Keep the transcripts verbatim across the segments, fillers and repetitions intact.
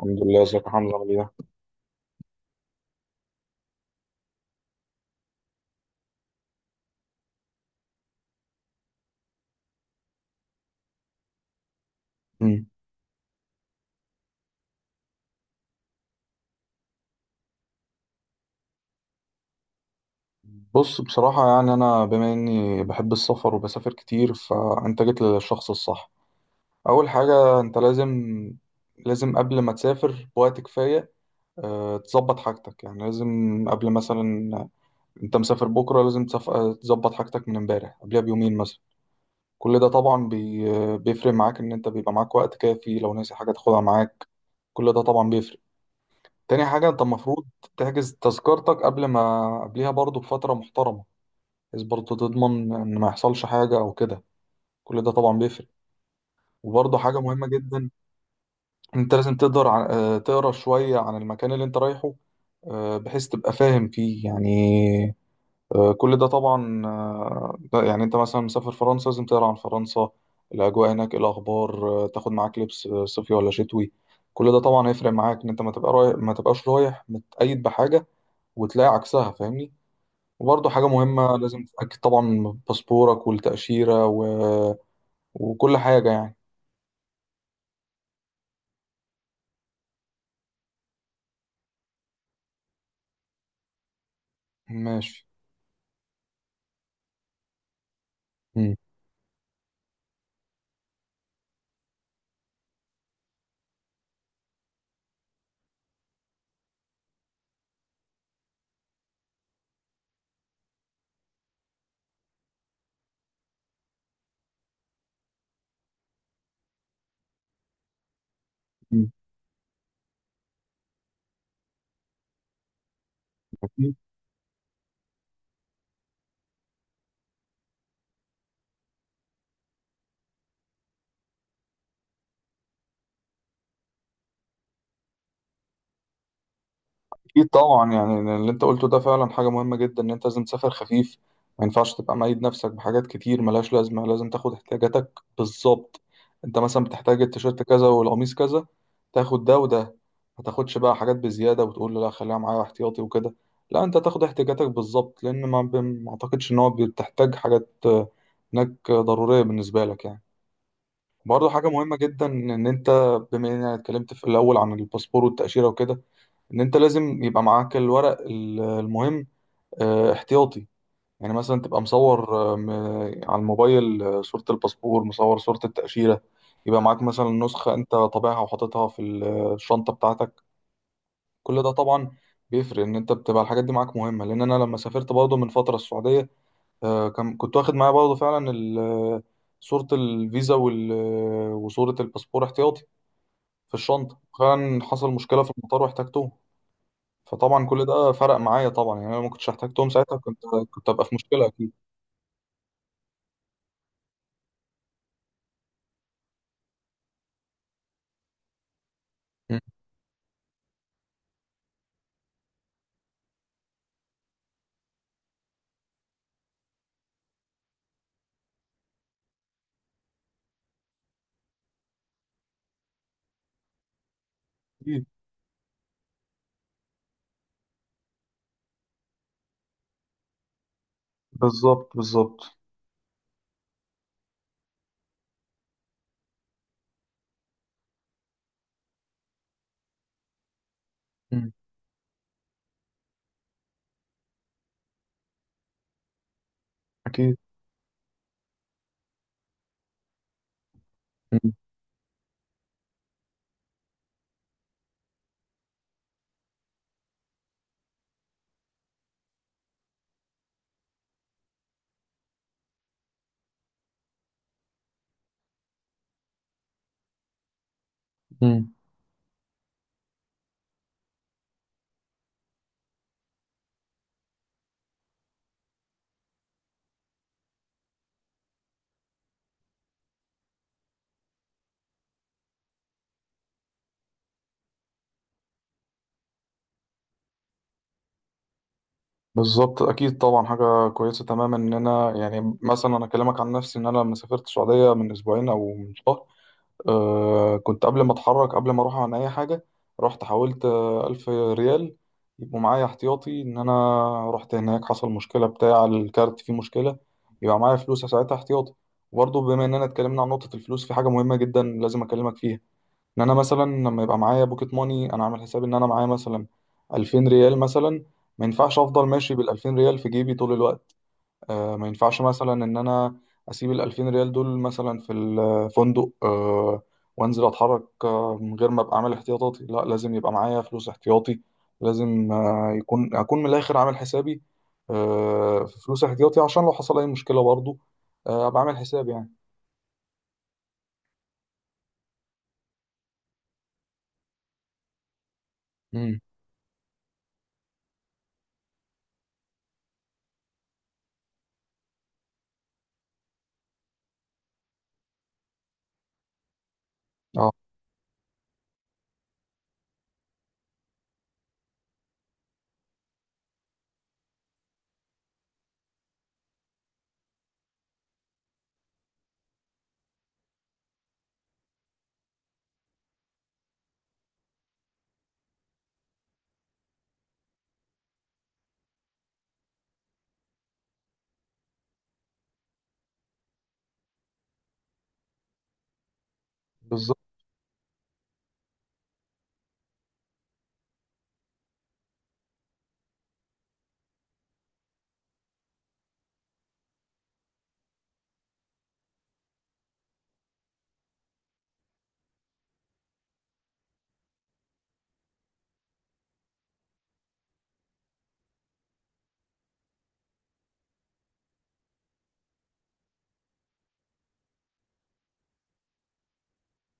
الحمد لله، ازيك يا حمزة عامل ايه؟ مم. بص، بصراحة يعني أنا بما إني بحب السفر وبسافر كتير، فأنت جيت للشخص الصح. أول حاجة أنت لازم لازم قبل ما تسافر بوقت كفاية آه، تظبط حاجتك، يعني لازم قبل مثلا أنت مسافر بكرة لازم تسف- آه، تظبط حاجتك من امبارح قبلها بيومين مثلا. كل ده طبعا بي... آه، بيفرق معاك إن أنت بيبقى معاك وقت كافي لو ناسي حاجة تاخدها معاك. كل ده طبعا بيفرق. تاني حاجة انت المفروض تحجز تذكرتك قبل، ما قبلها برضو بفترة محترمة، بحيث برضو تضمن ان ما يحصلش حاجة او كده. كل ده طبعا بيفرق. وبرضو حاجة مهمة جدا، انت لازم تقدر ع- آه، تقرا شوية عن المكان اللي انت رايحه، آه، بحيث تبقى فاهم فيه يعني. آه، كل ده طبعا، آه، ده يعني انت مثلا مسافر فرنسا لازم تقرا عن فرنسا. الاجواء هناك إيه الاخبار؟ آه، تاخد معاك لبس آه، صيفي ولا شتوي. كل ده طبعا هيفرق معاك ان انت ما تبقى رايح ما تبقاش رايح متقيد بحاجة وتلاقي عكسها، فاهمني؟ وبرضه حاجة مهمة، لازم تتأكد طبعا من باسبورك والتأشيرة و... وكل حاجة يعني. ماشي. مم. مم. أكيد طبعا، يعني اللي أنت قلته ده فعلا حاجة مهمة جدا، إن أنت لازم تسافر خفيف. ما ينفعش تبقى مقيد نفسك بحاجات كتير ملهاش لازمة، لازم تاخد احتياجاتك بالظبط. أنت مثلا بتحتاج التيشيرت كذا والقميص كذا، تاخد ده وده. ما تاخدش بقى حاجات بزيادة وتقول لا خليها معايا احتياطي وكده. لا، أنت تاخد احتياجاتك بالظبط، لأن ما ب- ما أعتقدش إن هو بتحتاج حاجات آه، هناك ضرورية بالنسبة لك يعني. برضه حاجة مهمة جدا، إن أنت بما إننا اتكلمت في الأول عن الباسبور والتأشيرة وكده، ان انت لازم يبقى معاك الورق ال- المهم آه، احتياطي. يعني مثلا تبقى مصور آه، م- على الموبايل آه، صورة الباسبور، مصور صورة التأشيرة. يبقى معاك مثلا نسخة انت طابعها وحاططها في ال- الشنطة بتاعتك. كل ده طبعا بيفرق ان انت بتبقى الحاجات دي معاك مهمة، لان انا لما سافرت برضه من فترة السعودية، آه، كان- كنت واخد معايا برضه فعلا ال- صورة الفيزا وال- وصورة الباسبور احتياطي في الشنطة. فعلا حصل مشكلة في المطار واحتاجتهم. فطبعا كل ده فرق معايا طبعا، يعني انا ما كنتش احتاجتهم ساعتها. كنت كنت ابقى في مشكله اكيد. مم. اكيد. بالظبط بالظبط. مم. اكيد. مم. مم. بالظبط. اكيد طبعا، حاجه كويسه تماما، ان انا يعني مثلا انا اكلمك عن نفسي، ان انا لما سافرت السعوديه من اسبوعين او من شهر، آه كنت قبل ما اتحرك، قبل ما اروح عن اي حاجه، رحت حولت آه ألف ريال يبقوا معايا احتياطي، ان انا رحت هناك حصل مشكله بتاع الكارت، فيه مشكله يبقى معايا فلوس ساعتها احتياطي. وبرضه بما اننا اتكلمنا عن نقطه الفلوس، في حاجه مهمه جدا لازم اكلمك فيها، ان انا مثلا لما يبقى معايا بوكيت ماني، انا عامل حساب ان انا معايا مثلا ألفين ريال مثلا. ما ينفعش افضل ماشي بال ألفين ريال في جيبي طول الوقت. آه، ما ينفعش مثلا ان انا اسيب ال ألفين ريال دول مثلا في الفندق، آه، وانزل اتحرك آه، من غير ما ابقى عامل احتياطاتي. لا، لازم يبقى معايا فلوس احتياطي. لازم، آه، يكون اكون من الاخر عامل حسابي، آه، في فلوس احتياطي عشان لو حصل اي مشكلة برضو، آه، ابقى عامل حسابي يعني. امم. اه، بالظبط.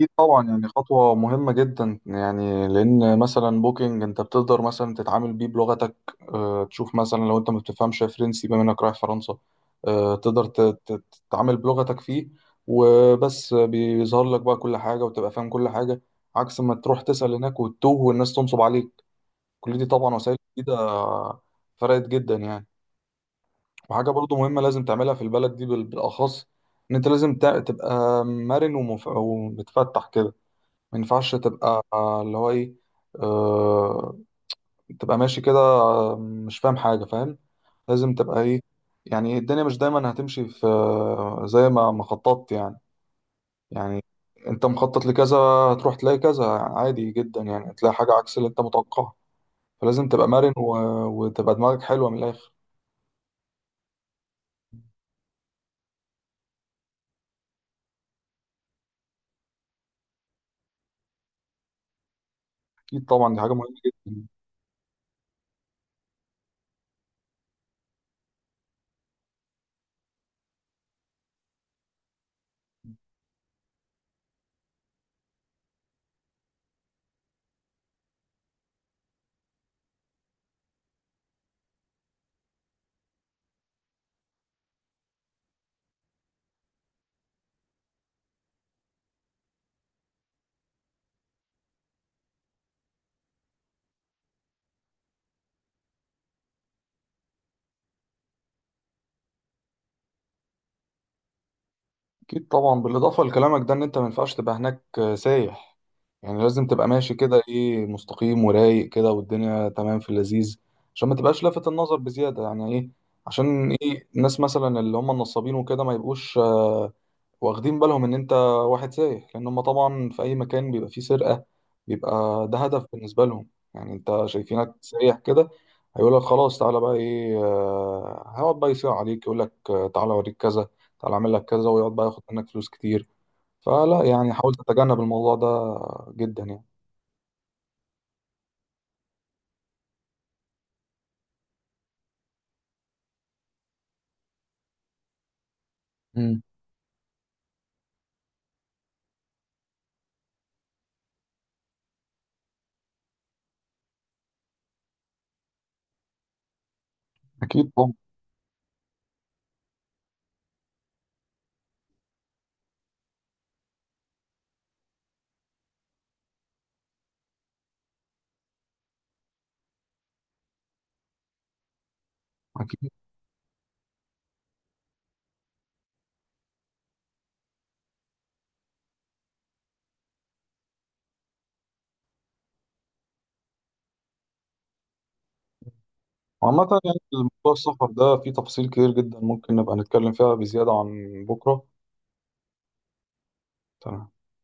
أكيد طبعا، يعني خطوة مهمة جدا، يعني لأن مثلا بوكينج أنت بتقدر مثلا تتعامل بيه بلغتك. آه، تشوف مثلا لو أنت ما بتفهمش فرنسي، بما إنك رايح فرنسا، آه، تقدر ت- ت- تتعامل بلغتك فيه. وبس بيظهر لك بقى كل حاجة وتبقى فاهم كل حاجة، عكس ما تروح تسأل هناك وتتوه والناس تنصب عليك. كل دي طبعا وسائل جديدة فرقت جدا يعني. وحاجة برضو مهمة لازم تعملها في البلد دي بال- بالأخص، إن أنت لازم تع- تبقى مرن ومف- ومتفتح كده. ما ينفعش تبقى اللي هو ايه، آه، تبقى ماشي كده آه، مش فاهم حاجة فاهم. لازم تبقى ايه؟ يعني إيه، الدنيا مش دايما هتمشي في، آه، زي ما ما خططت يعني. يعني انت مخطط لكذا، هتروح تلاقي كذا عادي جدا، يعني تلاقي حاجة عكس اللي انت متوقعها. فلازم تبقى مرن و... وتبقى دماغك حلوة من الآخر. أكيد طبعا، دي حاجة مهمة جدا. اكيد طبعا، بالاضافه لكلامك ده، ان انت ما ينفعش تبقى هناك آه، سايح، يعني لازم تبقى ماشي كده ايه، مستقيم ورايق كده، والدنيا تمام في اللذيذ، عشان ما تبقاش لافت النظر بزياده، يعني ايه، عشان ايه الناس مثلا اللي هم النصابين وكده ما يبقوش آه، واخدين بالهم ان انت واحد سايح، لان هم طبعا في اي مكان بيبقى فيه سرقة، بيبقى ده هدف بالنسبة لهم، يعني انت شايفينك سايح كده، هيقول لك خلاص تعالى بقى ايه، آه، هيقعد بقى يصيع عليك، يقول لك آه، تعالى اوريك كذا، تعالى اعمل لك كذا، ويقعد بقى ياخد منك فلوس كتير. فلا، يعني حاول تتجنب الموضوع ده جدا يعني. مم. اكيد طبعا. اكيد. وعامة يعني موضوع السفر ده فيه تفاصيل كتير جدا، ممكن نبقى نتكلم فيها بزيادة عن بكرة. تمام.